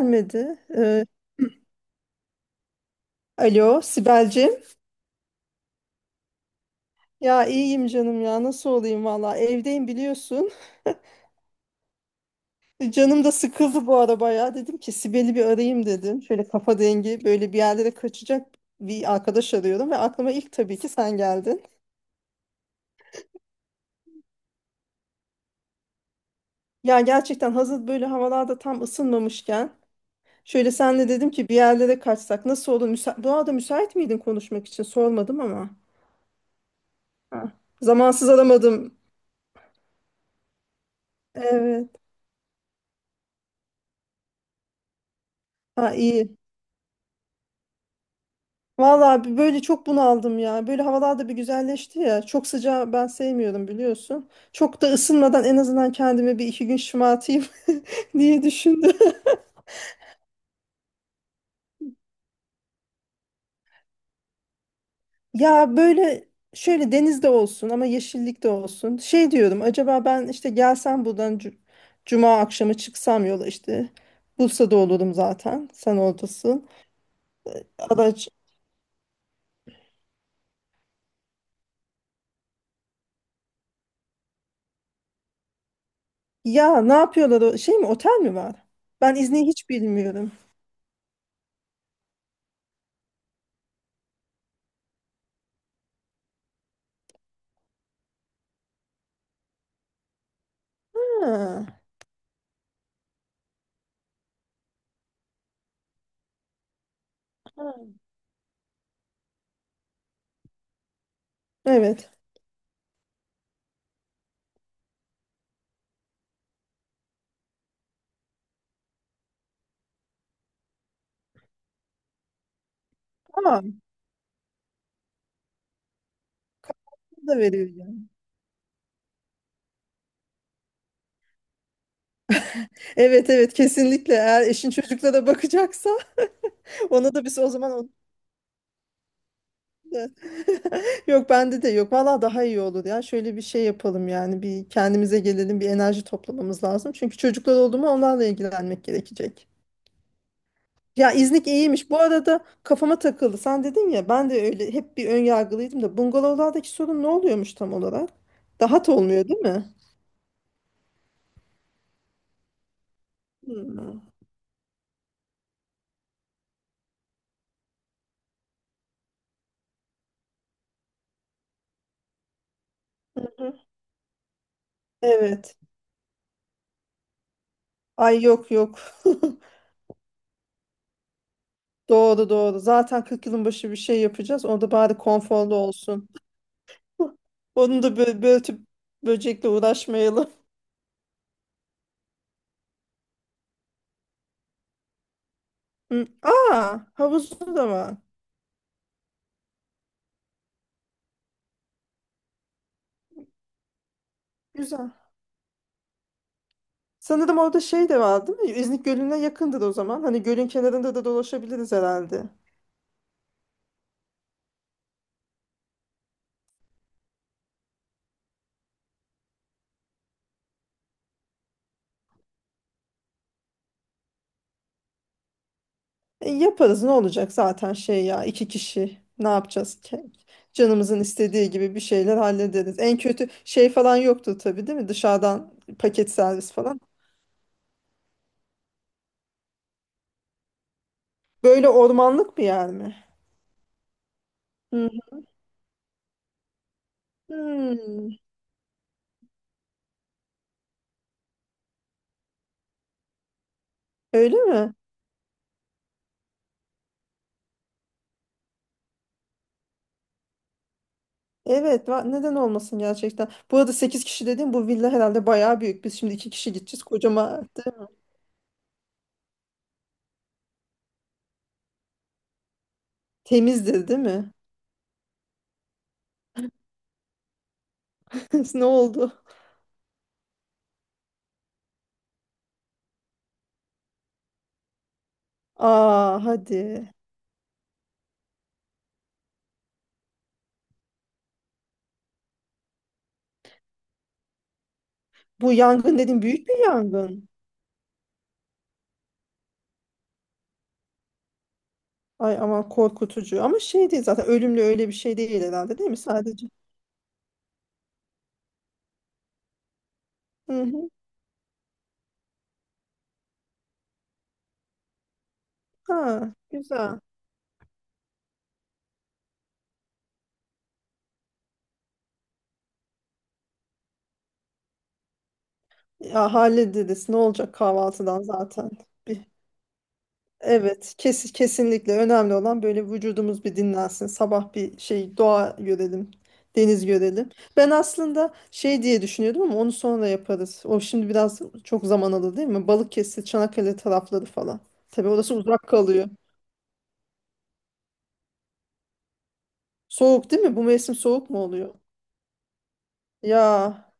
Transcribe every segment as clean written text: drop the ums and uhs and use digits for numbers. Gelmedi. Alo Sibel'cim. Ya iyiyim canım, ya nasıl olayım, valla evdeyim biliyorsun. Canım da sıkıldı bu ara bayağı. Dedim ki Sibel'i bir arayayım dedim. Şöyle kafa dengi, böyle bir yerlere kaçacak bir arkadaş arıyorum. Ve aklıma ilk tabii ki sen geldin. Ya gerçekten, hazır böyle havalarda tam ısınmamışken. Şöyle senle dedim ki bir yerlere kaçsak nasıl olur? Bu arada müsait miydin konuşmak için, sormadım ama. Ha. Zamansız aramadım. Evet. Ha, iyi. Vallahi böyle çok bunaldım ya. Böyle havalar da bir güzelleşti ya. Çok sıcağı ben sevmiyorum biliyorsun. Çok da ısınmadan en azından kendimi bir iki gün şımartayım diye düşündüm. Ya böyle, şöyle denizde olsun ama yeşillik de olsun. Şey diyorum, acaba ben işte gelsem buradan cuma akşamı çıksam yola işte. Bursa'da olurum zaten. Sen oradasın. Araç. Ya ne yapıyorlar? Şey mi, otel mi var? Ben izni hiç bilmiyorum. Ha, evet. Tamam. Da veriyor yani. Evet evet, kesinlikle eğer eşin çocuklara bakacaksa ona da biz o zaman onu da- yok, bende de yok valla. Daha iyi olur ya. Şöyle bir şey yapalım yani, bir kendimize gelelim, bir enerji toplamamız lazım çünkü çocuklar oldu mu onlarla ilgilenmek gerekecek. Ya İznik iyiymiş. Bu arada kafama takıldı. Sen dedin ya, ben de öyle hep bir ön yargılıydım da, bungalovlardaki sorun ne oluyormuş tam olarak? Daha da olmuyor değil mi? Hmm. Hı hı. Evet. Ay yok yok. Doğru doğru. Zaten 40 yılın başı bir şey yapacağız. O da bari konforlu olsun. Onu da böyle börtüp böcekle uğraşmayalım. Hı. Aa, havuzu da var. Güzel. Sanırım orada şey de var değil mi? İznik Gölü'ne yakındır o zaman. Hani gölün kenarında da dolaşabiliriz herhalde. E, yaparız, ne olacak zaten şey ya, iki kişi. Ne yapacağız ki? Canımızın istediği gibi bir şeyler hallederiz. En kötü şey falan yoktur tabii değil mi? Dışarıdan paket servis falan. Böyle ormanlık bir yer mi? Hmm. Hmm, öyle mi? Evet, neden olmasın gerçekten. Bu arada 8 kişi dediğim bu villa herhalde bayağı büyük. Biz şimdi 2 kişi gideceğiz. Kocaman. Temizdir, değil mi? Ne oldu? Aa, hadi. Bu yangın dedim, büyük bir yangın. Ay aman korkutucu. Ama şey değil zaten, ölümlü öyle bir şey değil herhalde değil mi sadece? Hı hı. Ha, güzel. Ya hallederiz. Ne olacak kahvaltıdan zaten? Evet, kesinlikle önemli olan böyle vücudumuz bir dinlensin. Sabah bir şey doğa görelim, deniz görelim. Ben aslında şey diye düşünüyordum ama onu sonra yaparız. O şimdi biraz çok zaman alır değil mi? Balıkesir, Çanakkale tarafları falan. Tabii orası uzak kalıyor. Soğuk değil mi? Bu mevsim soğuk mu oluyor? Ya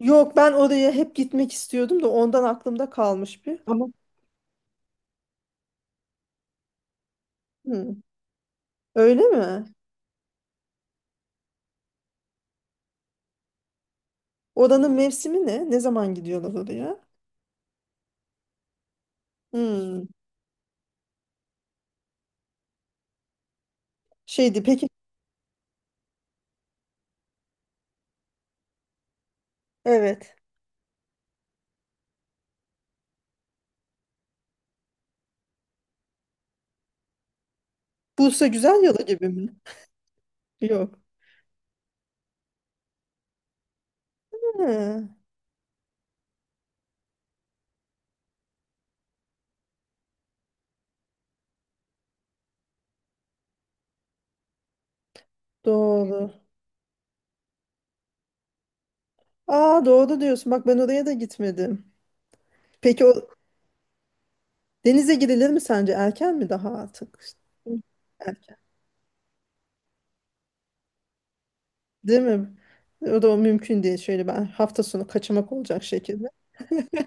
yok, ben oraya hep gitmek istiyordum da ondan aklımda kalmış bir. Ama hı, öyle mi? Oranın mevsimi ne? Ne zaman gidiyorlar oraya? Hmm, şeydi peki. Evet. Bursa güzel yalı gibi mi? Yok. Ha, doğru. Aa, doğru diyorsun. Bak ben oraya da gitmedim. Peki o denize girilir mi sence? Erken mi daha artık? Erken. Değil mi? O da o mümkün değil. Şöyle ben hafta sonu kaçamak olacak şekilde.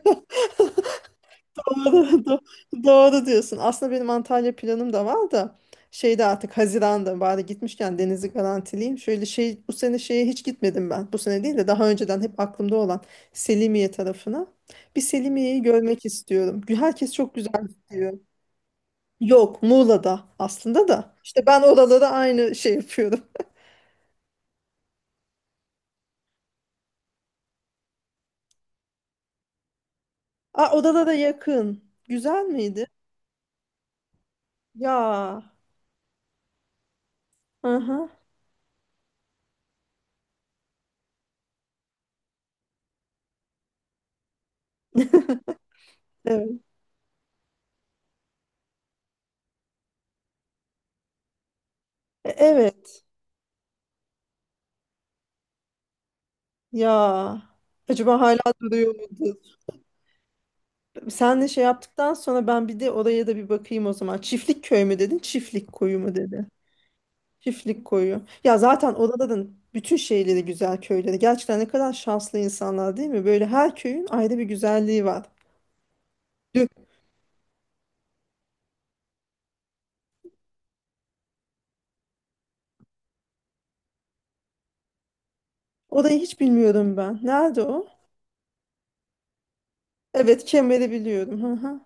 Doğru, do- doğru diyorsun. Aslında benim Antalya planım da var da, şeyde artık Haziran'da bari gitmişken denizi garantileyim. Şöyle şey, bu sene şeye hiç gitmedim ben. Bu sene değil de daha önceden hep aklımda olan Selimiye tarafına. Bir Selimiye'yi görmek istiyorum. Herkes çok güzel diyor. Yok Muğla'da aslında da. İşte ben oralara aynı şey yapıyorum. Aa, oralara yakın. Güzel miydi? Ya. Aha. Evet. E, evet. Ya. Acaba hala duruyor mu? Senle şey yaptıktan sonra ben bir de oraya da bir bakayım o zaman. Çiftlik köy mü dedin? Çiftlik koyu mu dedi? Çiftlik koyu. Ya zaten oraların bütün şeyleri güzel, köyleri. Gerçekten ne kadar şanslı insanlar değil mi? Böyle her köyün ayrı bir güzelliği var. Dök- Orayı hiç bilmiyorum ben. Nerede o? Evet, Kemer'i biliyorum. Hı hı.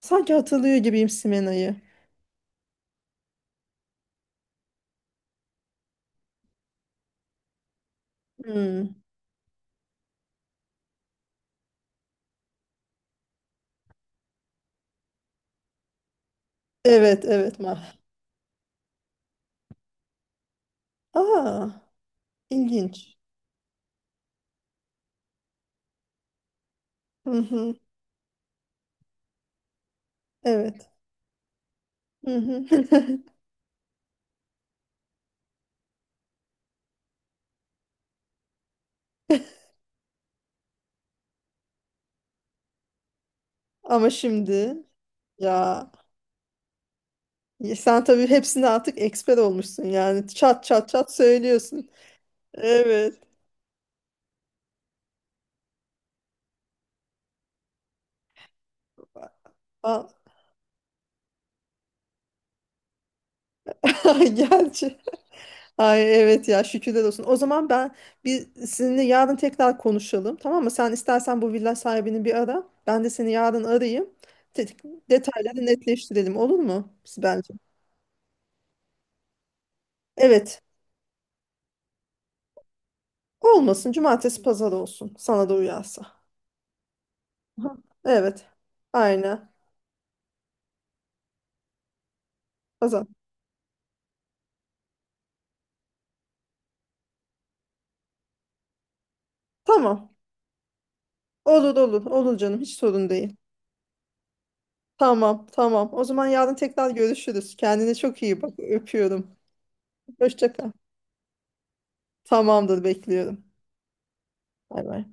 Sanki hatırlıyor gibiyim Simena'yı. Hmm. Evet, evet. Ma. Aa, ilginç. Hı hı. Evet. Hı hı. Ama şimdi ya. Ya sen tabii hepsinde artık eksper olmuşsun, yani çat çat çat söylüyorsun. Evet. A- Ay, gerçi. Ay evet ya, şükürler olsun. O zaman ben bir seninle yarın tekrar konuşalım tamam mı? Sen istersen bu villa sahibini bir ara. Ben de seni yarın arayayım. Te- Detayları netleştirelim olur mu? Biz bence. Evet. Olmasın, cumartesi pazar olsun. Sana da uyarsa. Aha. Evet. Aynen. Pazar. Tamam. Olur olur. Olur canım, hiç sorun değil. Tamam, tamam. O zaman yarın tekrar görüşürüz. Kendine çok iyi bak. Öpüyorum. Hoşça kal. Tamamdır, bekliyorum. Bay bay.